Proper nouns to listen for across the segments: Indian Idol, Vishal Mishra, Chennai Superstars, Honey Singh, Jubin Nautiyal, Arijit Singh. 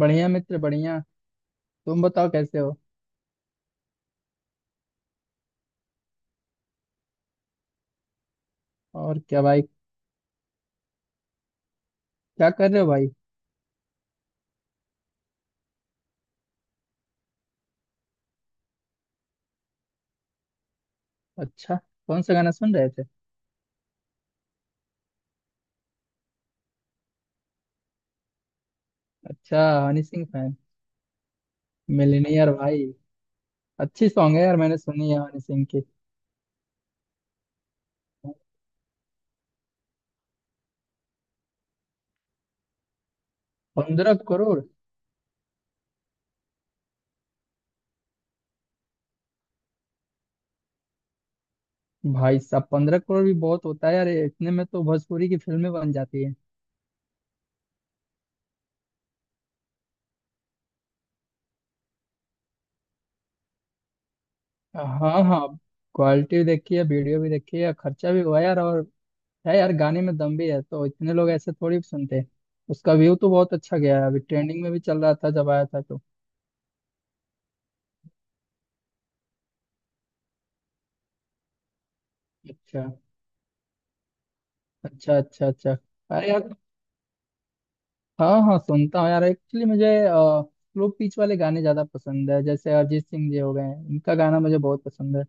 बढ़िया मित्र बढ़िया। तुम बताओ कैसे हो? और क्या भाई? क्या कर रहे हो भाई? अच्छा। कौन सा गाना सुन रहे थे? अच्छा। हनी सिंह फैन? मिलनियर भाई? अच्छी सॉन्ग है यार, मैंने सुनी है हनी सिंह की। 15 करोड़? भाई साहब, 15 करोड़ भी बहुत होता है यार, इतने में तो भोजपुरी की फिल्में बन जाती है। हाँ हाँ। क्वालिटी भी देखी है, वीडियो भी देखी है, खर्चा भी हुआ है यार, और है यार, गाने में दम भी है तो इतने लोग ऐसे थोड़ी सुनते हैं। उसका व्यू तो बहुत अच्छा गया है, अभी ट्रेंडिंग में भी चल रहा था जब आया था तो। अच्छा अच्छा अच्छा। अच्छा। अरे यार, हाँ हाँ सुनता हूँ यार, एक्चुअली मुझे स्लो पिच वाले गाने ज्यादा पसंद है, जैसे अरिजीत सिंह जी हो गए हैं, इनका गाना मुझे बहुत पसंद है।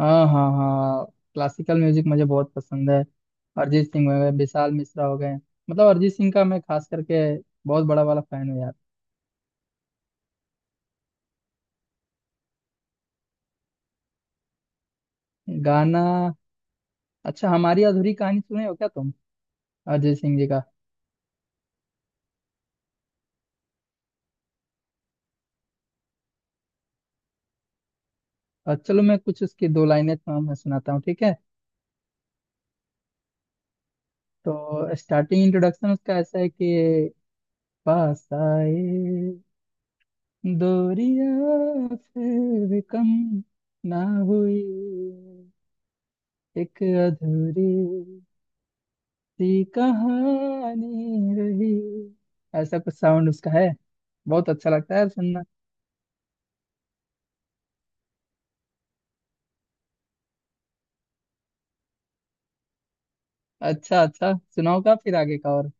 हाँ हाँ हाँ। क्लासिकल म्यूजिक मुझे बहुत पसंद है। अरिजीत सिंह हो गए, विशाल मिश्रा हो गए। मतलब अरिजीत सिंह का मैं खास करके बहुत बड़ा वाला फैन हूँ यार। गाना? अच्छा, हमारी अधूरी कहानी सुने हो क्या तुम? अरिजीत सिंह जी का? चलो मैं कुछ उसकी दो लाइनें तुम्हें सुनाता हूँ, ठीक है? तो स्टार्टिंग इंट्रोडक्शन उसका ऐसा है कि पास आए, दूरियां फिर कम ना हुई, एक अधूरी सी कहानी रही। ऐसा कुछ साउंड उसका है, बहुत अच्छा लगता है यार सुनना। अच्छा अच्छा। सुनाओगा फिर आगे का और?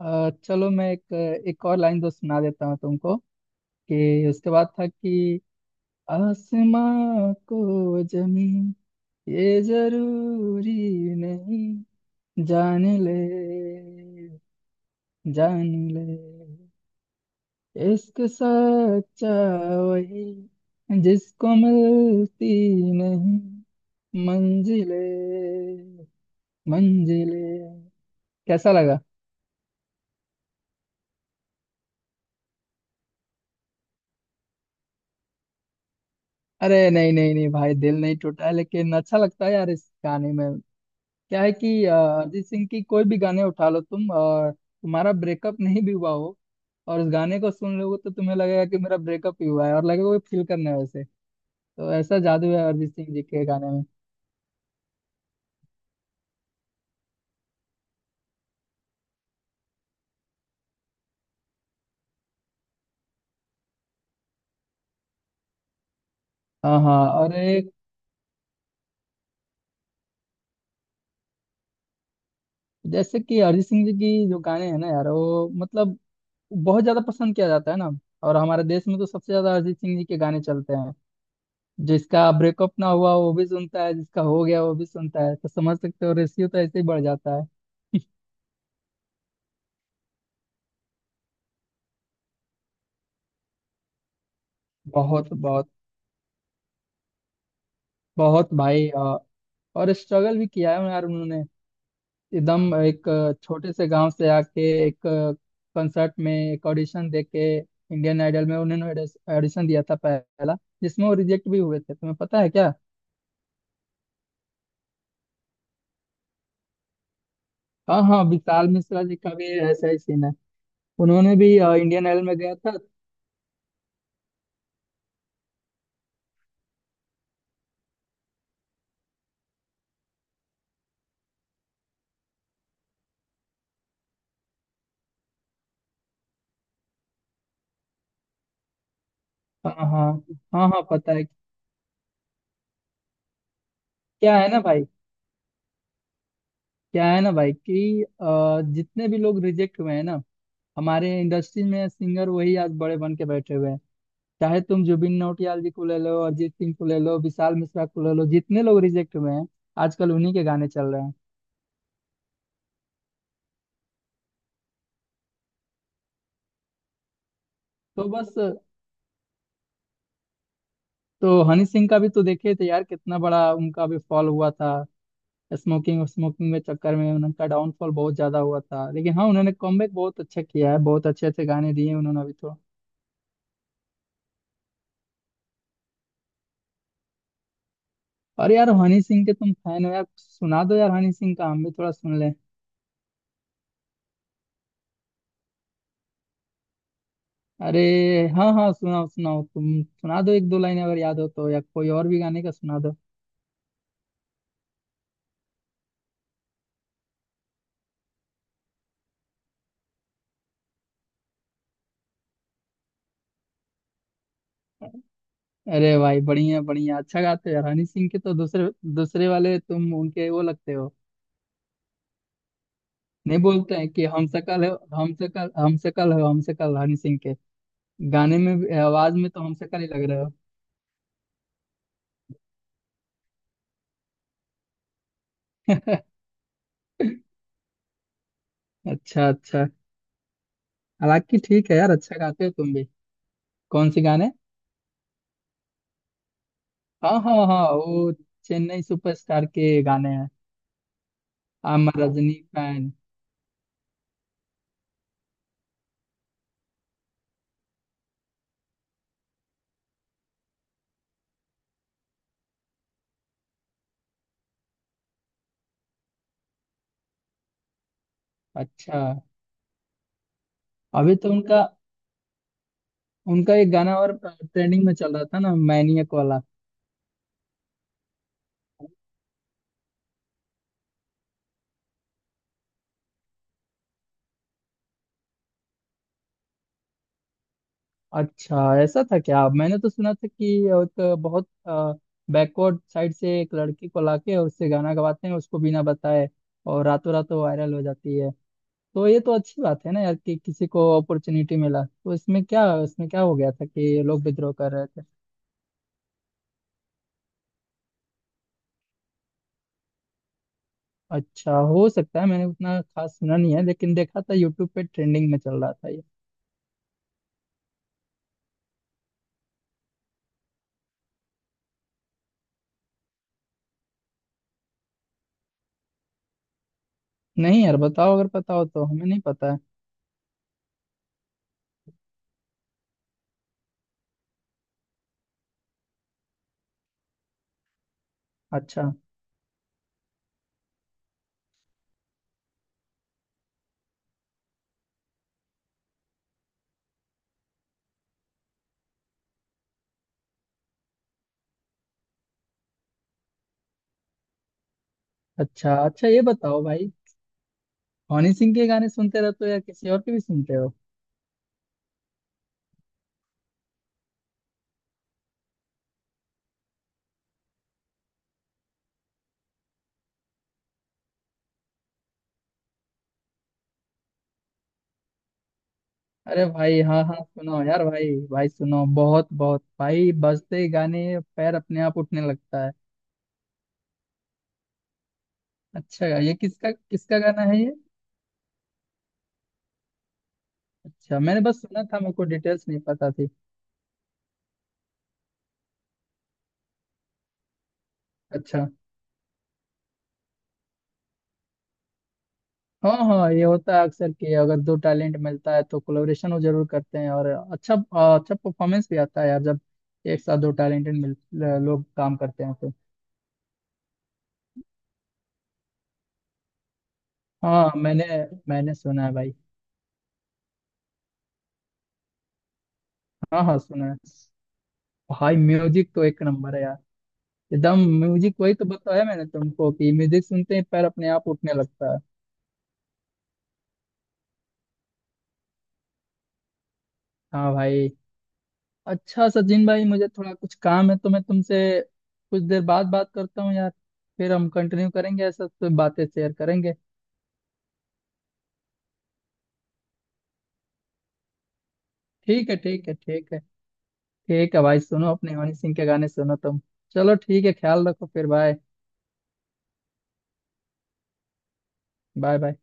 चलो मैं एक एक और लाइन तो सुना देता हूँ तुमको, कि उसके बाद था कि आसमां को जमी ये जरूरी नहीं, जान ले जान ले इश्क सच्चा वही, जिसको मिलती नहीं मंजिले मंजिले। कैसा लगा? अरे नहीं नहीं नहीं भाई, दिल नहीं टूटा, लेकिन अच्छा लगता है यार। इस गाने में क्या है कि अरिजीत सिंह की कोई भी गाने उठा लो तुम, और तुम्हारा ब्रेकअप नहीं भी हुआ हो और उस गाने को सुन लोगे, तो तुम्हें लगेगा कि मेरा ब्रेकअप ही हुआ है, और लगेगा कोई फील करना है वैसे। तो ऐसा जादू है अरिजीत सिंह जी के गाने में। हाँ हाँ। और एक, जैसे कि अरिजीत सिंह जी की जो गाने हैं ना यार, वो मतलब बहुत ज्यादा पसंद किया जाता है ना। और हमारे देश में तो सबसे ज्यादा अरिजीत सिंह जी के गाने चलते हैं। जिसका ब्रेकअप ना हुआ वो भी सुनता है, जिसका हो गया वो भी सुनता है, तो समझ सकते हो, रेशियो तो ऐसे ही बढ़ जाता है। बहुत बहुत बहुत भाई। और स्ट्रगल भी किया है यार उन्होंने। एकदम एक छोटे से गांव से आके, एक कंसर्ट में, एक ऑडिशन दे के इंडियन आइडल में उन्होंने ऑडिशन दिया था पहला, जिसमें वो रिजेक्ट भी हुए थे, तुम्हें पता है क्या? हाँ हाँ, विशाल मिश्रा जी का भी ऐसा ही सीन है। उन्होंने भी इंडियन आइडल में गया था। हाँ हाँ हाँ। हाँ पता है। क्या है ना भाई, क्या है ना भाई कि जितने भी लोग रिजेक्ट हुए हैं ना हमारे इंडस्ट्री में सिंगर, वही आज बड़े बन के बैठे हुए हैं। चाहे तुम जुबिन नौटियाल जी को ले लो, अरिजीत सिंह को ले लो, विशाल मिश्रा को ले लो, जितने लोग रिजेक्ट हुए हैं आजकल उन्हीं के गाने चल रहे हैं। तो बस। तो हनी सिंह का भी तो देखे थे यार, कितना बड़ा उनका भी फॉल हुआ था। स्मोकिंग स्मोकिंग में चक्कर में उनका डाउनफॉल बहुत ज्यादा हुआ था, लेकिन हाँ उन्होंने कमबैक बहुत अच्छा किया है, बहुत अच्छे अच्छे गाने दिए उन्होंने अभी तो। और यार हनी सिंह के तुम फैन हो यार, सुना दो यार हनी सिंह का, हम भी थोड़ा सुन लें। अरे हाँ हाँ, सुनाओ सुनाओ, तुम सुना दो एक दो लाइन, अगर याद हो तो, या कोई और भी गाने का सुना दो। अरे भाई बढ़िया बढ़िया, अच्छा गाते हो यार, हनी सिंह के तो दूसरे दूसरे वाले तुम उनके वो लगते हो। नहीं, बोलते हैं कि हम शकल है, हम शकल हो, हम शकल हनी सिंह के। गाने में भी- आवाज में तो हम शकल ही लग रहे हो। अच्छा अच्छा। हालांकि ठीक है यार, अच्छा गाते हो तुम भी। कौन से गाने? हाँ हाँ हाँ, वो चेन्नई सुपरस्टार के गाने हैं, आई एम रजनी फैन। अच्छा। अभी तो उनका, उनका एक गाना और ट्रेंडिंग में चल रहा था ना, मैनियक वाला। अच्छा, ऐसा था क्या? मैंने तो सुना था कि एक बहुत बैकवर्ड साइड से एक लड़की को लाके और उससे गाना गवाते हैं उसको बिना बताए, और रातों रातों वायरल हो जाती है। तो ये तो अच्छी बात है ना यार, कि किसी को अपॉर्चुनिटी मिला, तो इसमें क्या, इसमें क्या हो गया था कि ये लोग विद्रोह कर रहे थे? अच्छा, हो सकता है, मैंने उतना खास सुना नहीं है, लेकिन देखा था यूट्यूब पे ट्रेंडिंग में चल रहा था ये। नहीं यार बताओ, अगर पता हो तो, हमें नहीं पता है। अच्छा अच्छा। अच्छा ये बताओ भाई, हनी सिंह के गाने सुनते रहते हो या किसी और के भी सुनते हो? अरे भाई हाँ हाँ सुनो यार, भाई भाई सुनो, बहुत बहुत भाई, बजते ही गाने पैर अपने आप उठने लगता है। अच्छा ये किसका किसका गाना है ये? अच्छा, मैंने बस सुना था, मेरे को डिटेल्स नहीं पता थी। अच्छा हाँ हाँ, ये होता है अक्सर कि अगर दो टैलेंट मिलता है तो कोलेबोरेशन वो जरूर करते हैं, और अच्छा अच्छा परफॉर्मेंस भी आता है यार, जब एक साथ दो टैलेंटेड मिल लोग काम करते हैं तो। हाँ मैंने मैंने सुना है भाई। हाँ हाँ सुना है। भाई म्यूजिक तो एक नंबर है यार। एकदम म्यूजिक, वही तो बताया मैंने तुमको कि म्यूजिक सुनते ही पैर अपने आप उठने लगता है। हाँ भाई। अच्छा सचिन भाई, मुझे थोड़ा कुछ काम है तो मैं तुमसे कुछ देर बाद बात करता हूँ यार, फिर हम कंटिन्यू करेंगे, ऐसा तो बातें शेयर करेंगे। ठीक है ठीक है ठीक है। ठीक है भाई, सुनो अपने हनी सिंह के गाने सुनो तुम। चलो ठीक है, ख्याल रखो फिर, बाय। Bye bye.